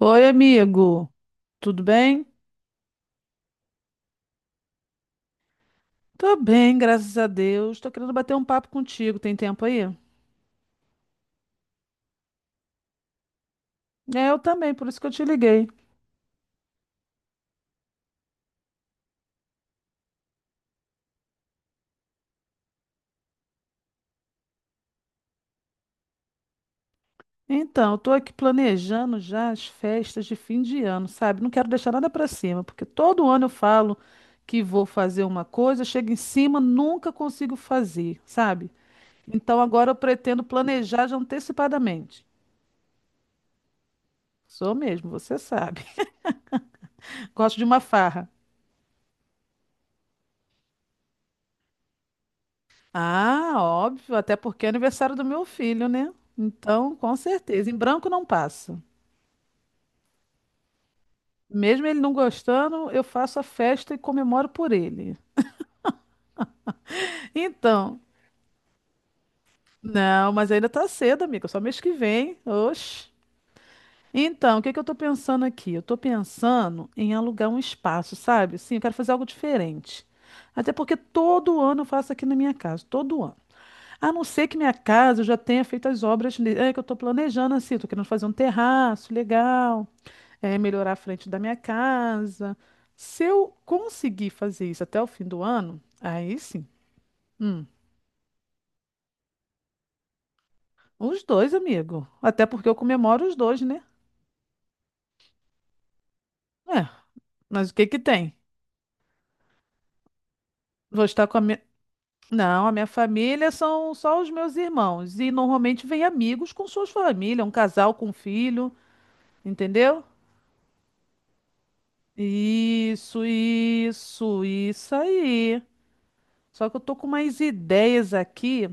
Oi, amigo. Tudo bem? Tô bem, graças a Deus. Tô querendo bater um papo contigo. Tem tempo aí? É, eu também, por isso que eu te liguei. Então, eu tô aqui planejando já as festas de fim de ano, sabe? Não quero deixar nada pra cima, porque todo ano eu falo que vou fazer uma coisa, chego em cima, nunca consigo fazer, sabe? Então agora eu pretendo planejar já antecipadamente. Sou mesmo, você sabe. Gosto de uma farra. Ah, óbvio, até porque é aniversário do meu filho, né? Então, com certeza, em branco não passa. Mesmo ele não gostando, eu faço a festa e comemoro por ele. Então, não, mas ainda tá cedo, amiga, só mês que vem. Oxe. Então, o que que eu tô pensando aqui? Eu tô pensando em alugar um espaço, sabe? Sim, eu quero fazer algo diferente. Até porque todo ano eu faço aqui na minha casa, todo ano. A não ser que minha casa eu já tenha feito as obras é, que eu estou planejando assim, tô querendo fazer um terraço legal, é, melhorar a frente da minha casa. Se eu conseguir fazer isso até o fim do ano, aí sim. Hum, os dois, amigo. Até porque eu comemoro os dois, né? É, mas o que que tem? Vou estar com a minha. Não, a minha família são só os meus irmãos. E normalmente vem amigos com suas famílias, um casal com um filho, entendeu? Isso aí. Só que eu tô com mais ideias aqui,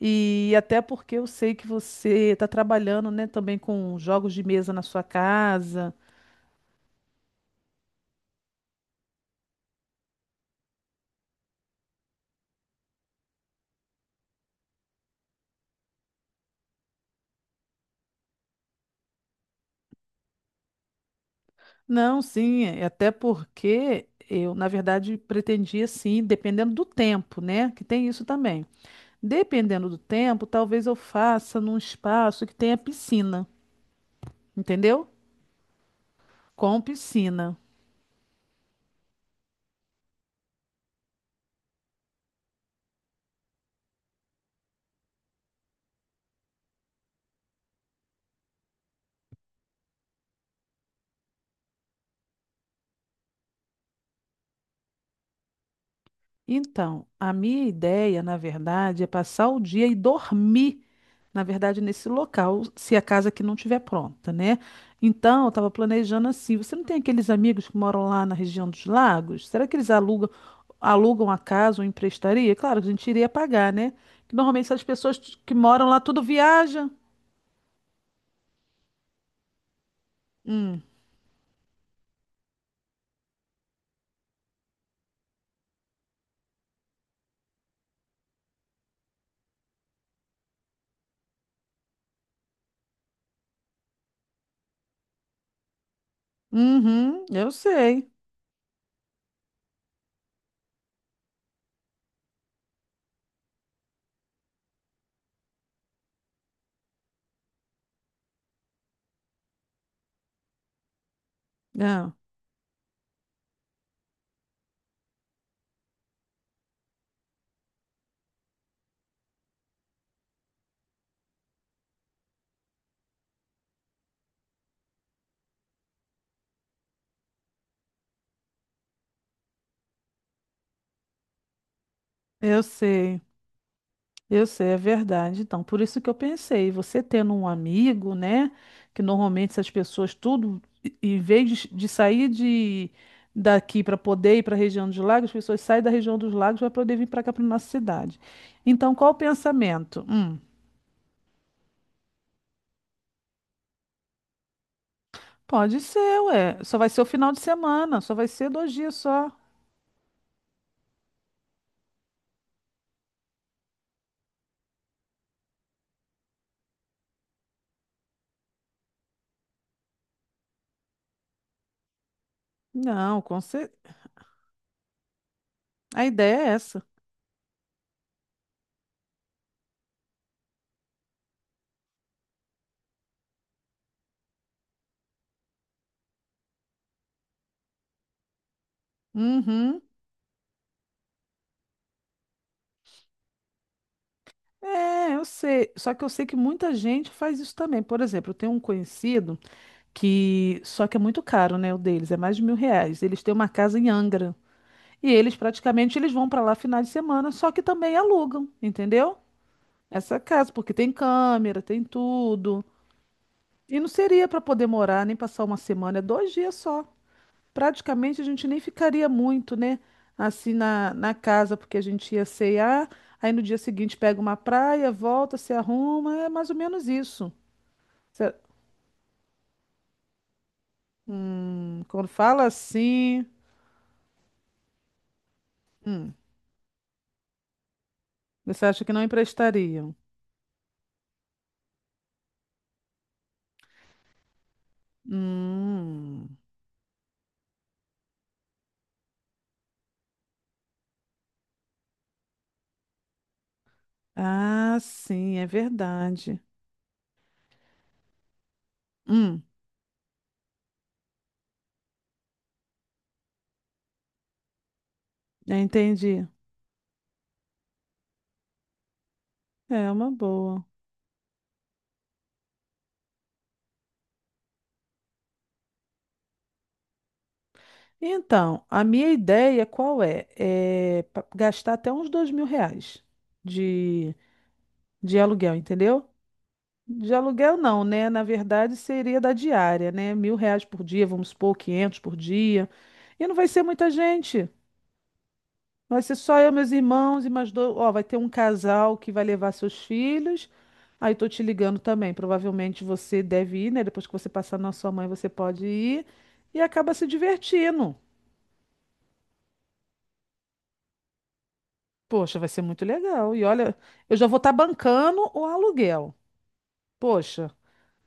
e até porque eu sei que você tá trabalhando, né, também com jogos de mesa na sua casa. Não, sim, é até porque eu, na verdade, pretendia sim, dependendo do tempo, né? Que tem isso também. Dependendo do tempo, talvez eu faça num espaço que tenha piscina, entendeu? Com piscina. Então, a minha ideia, na verdade, é passar o dia e dormir, na verdade, nesse local, se a casa aqui não estiver pronta, né? Então, eu estava planejando assim. Você não tem aqueles amigos que moram lá na região dos lagos? Será que eles alugam a casa ou emprestaria? Claro, que a gente iria pagar, né? Que normalmente essas pessoas que moram lá tudo viajam. Hum. Uhum, eu sei. É, eu sei. Eu sei, é verdade. Então, por isso que eu pensei, você tendo um amigo, né? Que normalmente essas pessoas tudo, em vez de sair de daqui para poder ir para a região dos lagos, as pessoas saem da região dos lagos para poder vir para cá para nossa cidade. Então, qual o pensamento? Pode ser, ué. Só vai ser o final de semana, só vai ser 2 dias só. Não. A ideia é essa. Uhum. É, eu sei. Só que eu sei que muita gente faz isso também. Por exemplo, eu tenho um conhecido. Que só que é muito caro, né, o deles, é mais de R$ 1.000. Eles têm uma casa em Angra e eles praticamente eles vão para lá final de semana, só que também alugam, entendeu? Essa casa, porque tem câmera, tem tudo. E não seria para poder morar nem passar uma semana, é 2 dias só. Praticamente a gente nem ficaria muito, né, assim na casa, porque a gente ia cear, aí no dia seguinte pega uma praia, volta, se arruma, é mais ou menos isso. Se- quando fala assim. Hum. Você acha que não emprestariam? Hum. Ah, sim, é verdade. Hum, eu entendi. É uma boa. Então, a minha ideia qual é? É gastar até uns R$ 2.000 de, de aluguel, entendeu? De aluguel não, né? Na verdade, seria da diária, né? R$ 1.000 por dia, vamos supor, 500 por dia. E não vai ser muita gente. Vai ser só eu, meus irmãos e mais dois. Ó, vai ter um casal que vai levar seus filhos. Aí tô te ligando também. Provavelmente você deve ir, né? Depois que você passar na sua mãe, você pode ir. E acaba se divertindo. Poxa, vai ser muito legal. E olha, eu já vou estar bancando o aluguel. Poxa,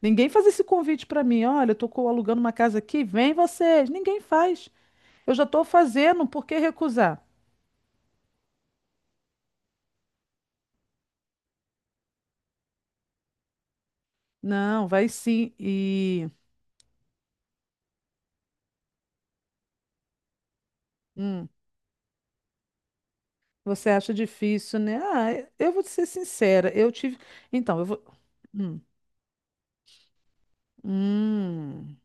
ninguém faz esse convite para mim. Olha, eu tô alugando uma casa aqui, vem vocês. Ninguém faz. Eu já tô fazendo, por que recusar? Não, vai sim. E. Hum. Você acha difícil, né? Ah, eu vou te ser sincera, eu tive. Então, eu vou. Hum, hum,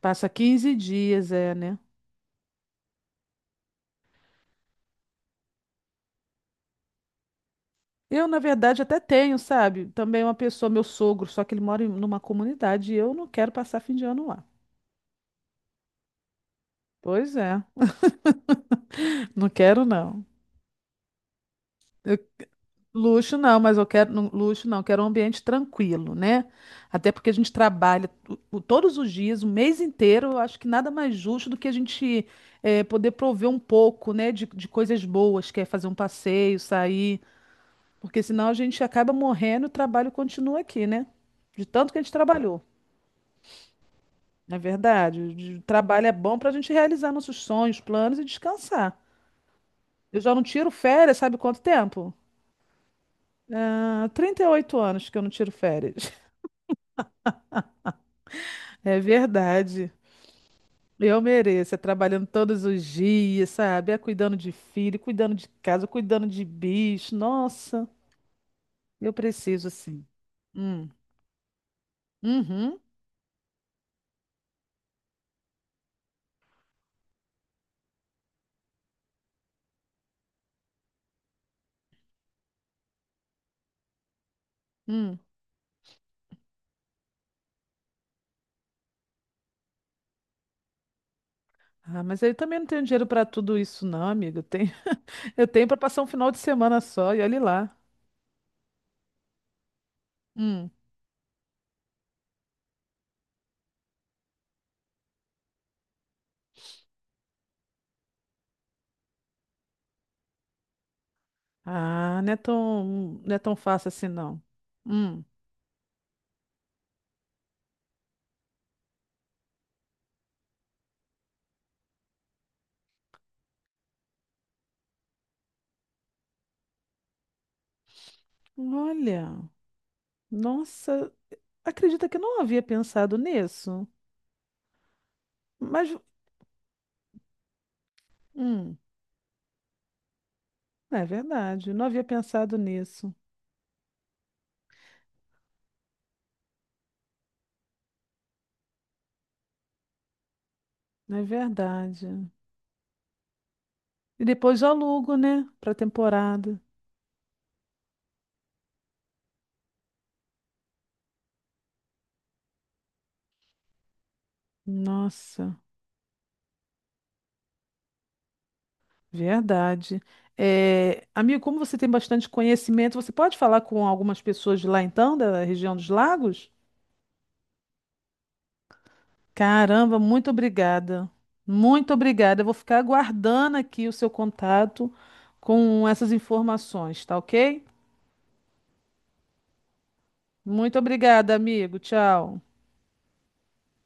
passa 15 dias, é, né? Eu, na verdade, até tenho, sabe? Também uma pessoa, meu sogro, só que ele mora em numa comunidade e eu não quero passar fim de ano lá. Pois é, não quero não. Luxo não, mas eu quero luxo não, eu quero um ambiente tranquilo, né? Até porque a gente trabalha todos os dias, o mês inteiro, eu acho que nada mais justo do que a gente poder prover um pouco, né, de coisas boas, que é fazer um passeio, sair, porque senão a gente acaba morrendo e o trabalho continua aqui, né? De tanto que a gente trabalhou, na verdade. O trabalho é bom para a gente realizar nossos sonhos, planos e descansar. Eu já não tiro férias, sabe quanto tempo? Ah, 38 anos que eu não tiro férias. É verdade. Eu mereço, é trabalhando todos os dias, sabe? É cuidando de filho, cuidando de casa, cuidando de bicho. Nossa, eu preciso sim. Hum. Uhum. Hum. Ah, mas eu também não tenho dinheiro para tudo isso, não, amiga. Eu tenho, eu tenho para passar um final de semana só e olhe lá. Hum. Ah, não é tão fácil assim, não. Hum. Olha, nossa, acredita que eu não havia pensado nisso. Mas, hum. É verdade, não havia pensado nisso. É verdade. E depois eu alugo, né, para temporada. Nossa, verdade. É, amigo, como você tem bastante conhecimento, você pode falar com algumas pessoas de lá então, da região dos lagos? Caramba, muito obrigada. Muito obrigada. Eu vou ficar aguardando aqui o seu contato com essas informações, tá ok? Muito obrigada, amigo. Tchau.